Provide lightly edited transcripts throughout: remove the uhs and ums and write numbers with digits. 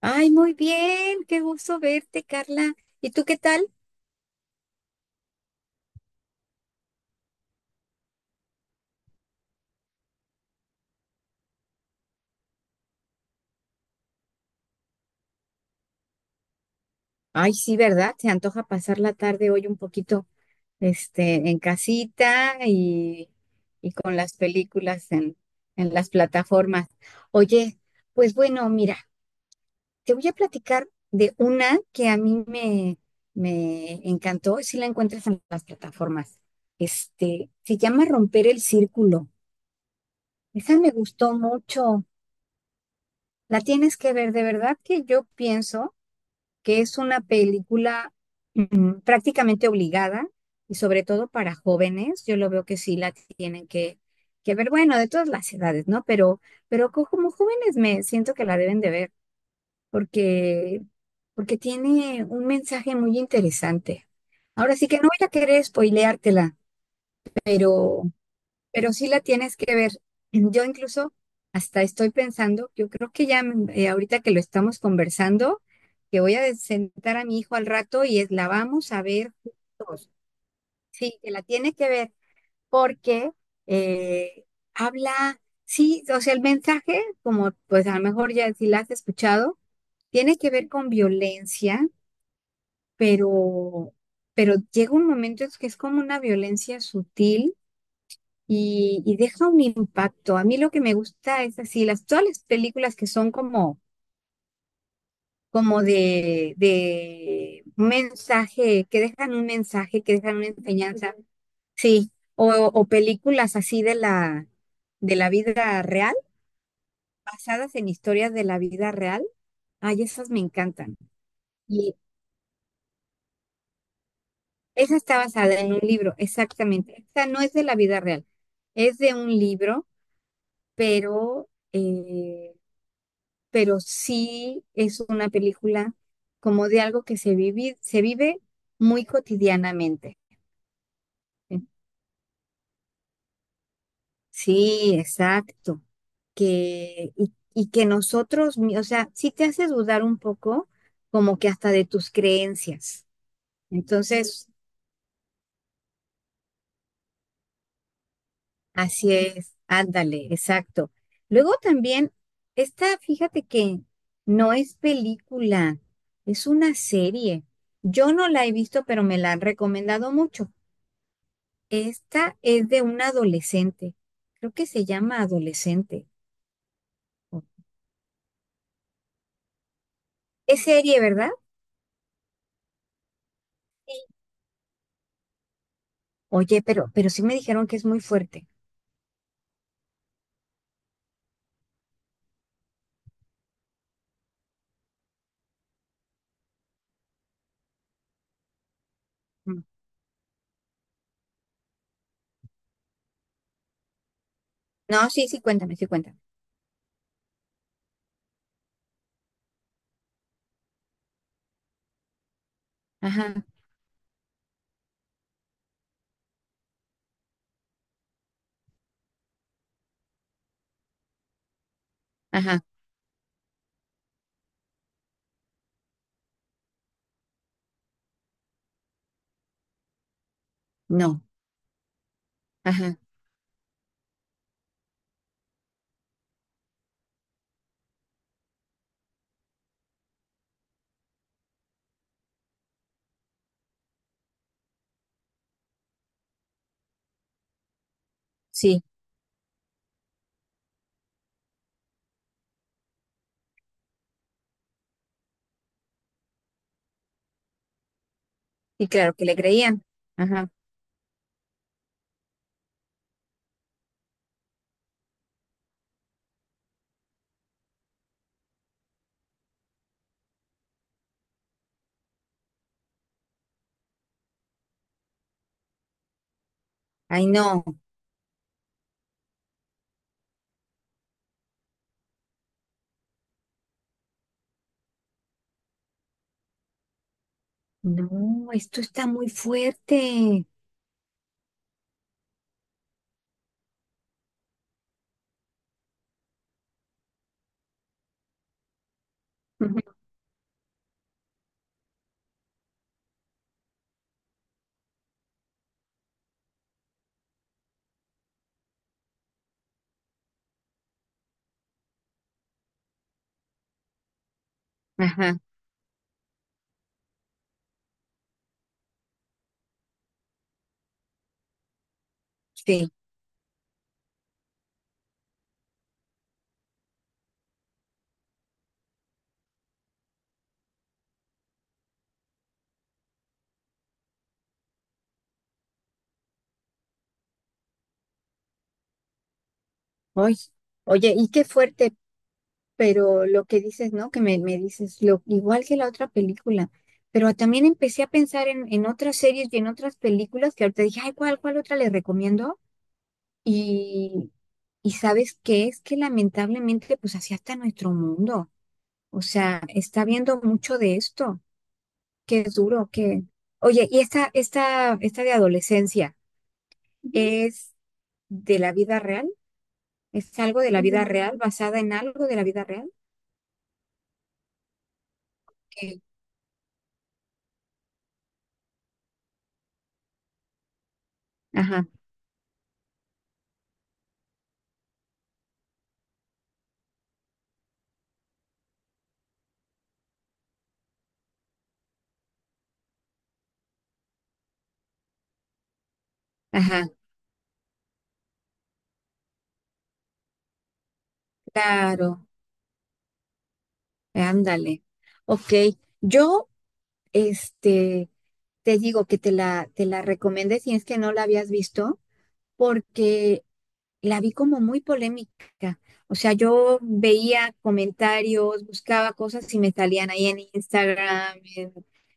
Ay, muy bien, qué gusto verte, Carla. ¿Y tú qué tal? Ay, sí, ¿verdad? Se antoja pasar la tarde hoy un poquito, en casita y con las películas en las plataformas. Oye, pues bueno, mira, te voy a platicar de una que a mí me encantó, y si la encuentras en las plataformas. Se llama Romper el Círculo. Esa me gustó mucho. La tienes que ver, de verdad que yo pienso. Que es una película prácticamente obligada y sobre todo para jóvenes. Yo lo veo que sí la tienen que ver, bueno, de todas las edades, ¿no? Pero como jóvenes me siento que la deben de ver porque, porque tiene un mensaje muy interesante. Ahora sí que no voy a querer spoileártela, pero sí la tienes que ver. Yo incluso hasta estoy pensando, yo creo que ya ahorita que lo estamos conversando, que voy a sentar a mi hijo al rato y la vamos a ver juntos. Sí, que la tiene que ver porque eh, habla, sí, o sea, el mensaje, como pues a lo mejor ya si la has escuchado, tiene que ver con violencia, pero, pero llega un momento en que es como una violencia sutil y deja un impacto. A mí lo que me gusta es así, todas las películas que son como de un mensaje, que dejan un mensaje, que dejan una enseñanza, sí, o películas así de la vida real, basadas en historias de la vida real. Ay, esas me encantan. Y esa está basada en un libro, exactamente. Esta no es de la vida real, es de un libro, pero... eh, pero sí es una película como de algo que se vive muy cotidianamente. Sí, exacto. Y que nosotros, o sea, sí te hace dudar un poco, como que hasta de tus creencias. Entonces, así es, ándale, exacto. Luego también, fíjate que no es película, es una serie. Yo no la he visto, pero me la han recomendado mucho. Esta es de un adolescente. Creo que se llama Adolescente. Es serie, ¿verdad? Sí. Oye, pero sí me dijeron que es muy fuerte. Mm. No, sí, sí, cuéntame, sí, cuéntame. Ajá, ajá, no, ajá, sí, y claro que le creían. Ajá, ay, no, no, esto está muy fuerte. Ujú, ajá, sí, oye, oye, y qué fuerte, pero lo que dices, ¿no? Que me dices, igual que la otra película, pero también empecé a pensar en otras series y en otras películas que ahorita dije, ay, ¿cuál otra le recomiendo? Y, y ¿sabes qué? Es que lamentablemente, pues así hasta nuestro mundo, o sea, está viendo mucho de esto, que es duro, que. Oye, ¿y esta de adolescencia, ujú, es de la vida real? ¿Es algo de la vida real, basada en algo de la vida real? Que- Ajá, ajá, claro. Ándale. OK. Yo, este, te digo que te la recomendé si es que no la habías visto, porque la vi como muy polémica. O sea, yo veía comentarios, buscaba cosas y me salían ahí en Instagram, en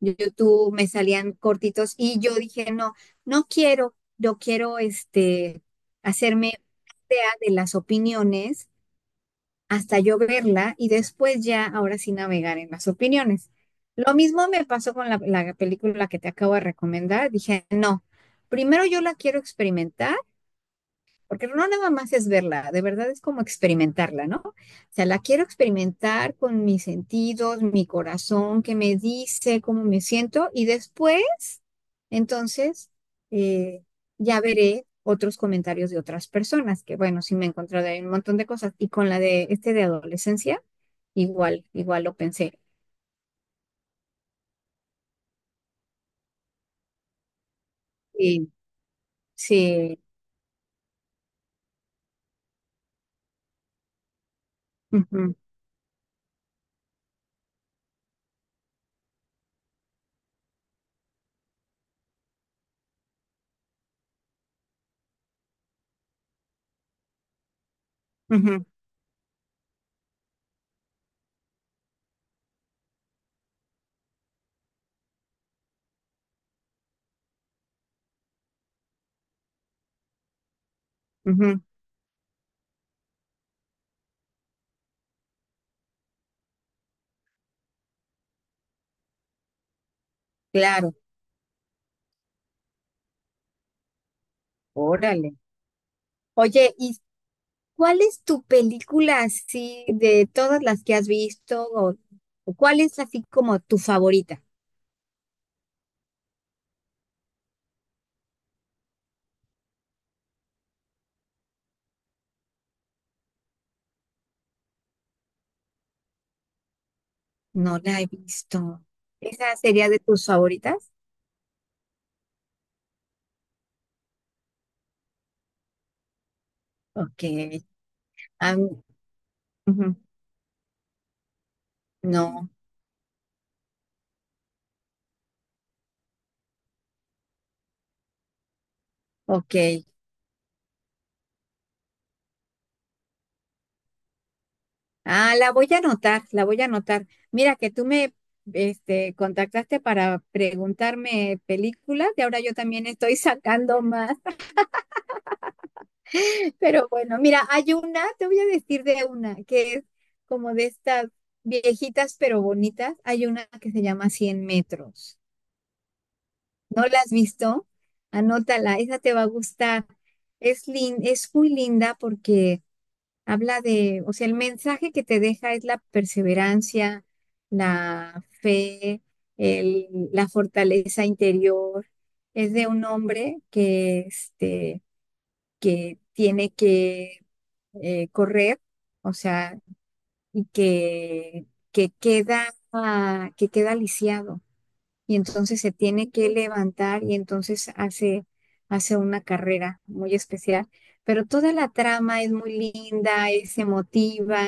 YouTube, me salían cortitos y yo dije, no, no quiero, yo quiero, hacerme idea de las opiniones hasta yo verla y después ya, ahora sí, navegar en las opiniones. Lo mismo me pasó con la película que te acabo de recomendar. Dije, no, primero yo la quiero experimentar. Porque no nada más es verla, de verdad es como experimentarla, ¿no? O sea, la quiero experimentar con mis sentidos, mi corazón, qué me dice cómo me siento y después, entonces, eh, ya veré otros comentarios de otras personas, que bueno, sí me he encontrado ahí un montón de cosas. Y con la de de adolescencia, igual, igual lo pensé. Sí, sí, ujú, ujú, ujú, claro, órale. Oye, y ¿cuál es tu película así de todas las que has visto? O ¿cuál es así como tu favorita? No la he visto. ¿Esa sería de tus favoritas? OK. Ah, ujú, no, OK. Ah, la voy a anotar, la voy a anotar. Mira que tú me contactaste para preguntarme películas y ahora yo también estoy sacando más. Pero bueno, mira, hay una, te voy a decir de una, que es como de estas viejitas pero bonitas. Hay una que se llama Cien metros. ¿No la has visto? Anótala, esa te va a gustar. Es muy linda porque habla de, o sea, el mensaje que te deja es la perseverancia, la fe, la fortaleza interior. Es de un hombre que tiene que correr, o sea, y que queda, que queda lisiado. Y entonces se tiene que levantar y entonces hace una carrera muy especial. Pero toda la trama es muy linda, es emotiva.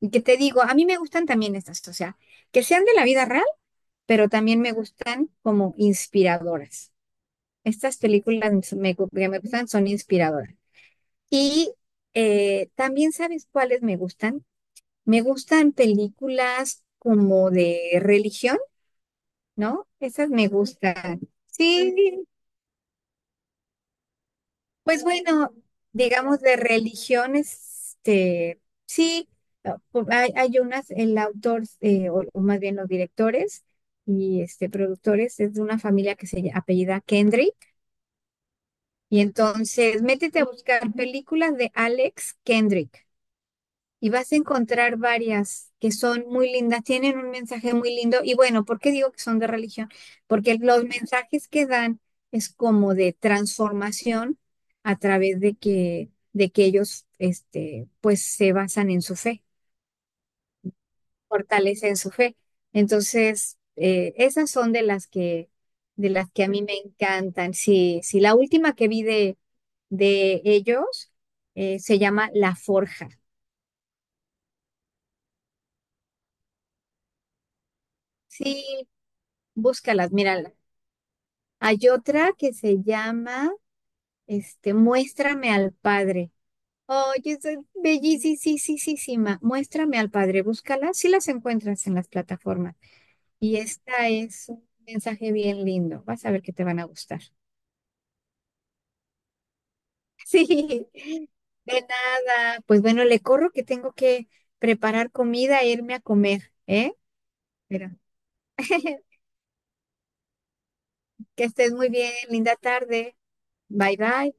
Y que te digo, a mí me gustan también estas, o sea, que sean de la vida real, pero también me gustan como inspiradoras. Estas películas que me gustan son inspiradoras. Y también sabes cuáles me gustan, películas como de religión, ¿no? Esas me gustan. Sí, pues bueno, digamos de religión, sí, hay unas, el autor, o más bien los directores y productores es de una familia que apellida Kendrick. Y entonces métete a buscar películas de Alex Kendrick. Y vas a encontrar varias que son muy lindas, tienen un mensaje muy lindo. Y bueno, ¿por qué digo que son de religión? Porque los mensajes que dan es como de transformación a través de que ellos, pues se basan en su fe, fortalecen su fe. Entonces, esas son de las que a mí me encantan. Sí, sí, la última que vi de ellos se llama La Forja. Sí, búscalas, mira, hay otra que se llama Muéstrame al Padre. Oye, es bellísima. Muéstrame al Padre, búscala. Si las encuentras en las plataformas. Y esta es un mensaje bien lindo. Vas a ver que te van a gustar. Sí, de nada. Pues bueno, le corro que tengo que preparar comida e irme a comer, ¿eh? Pero que estés muy bien. Linda tarde. Bye, bye.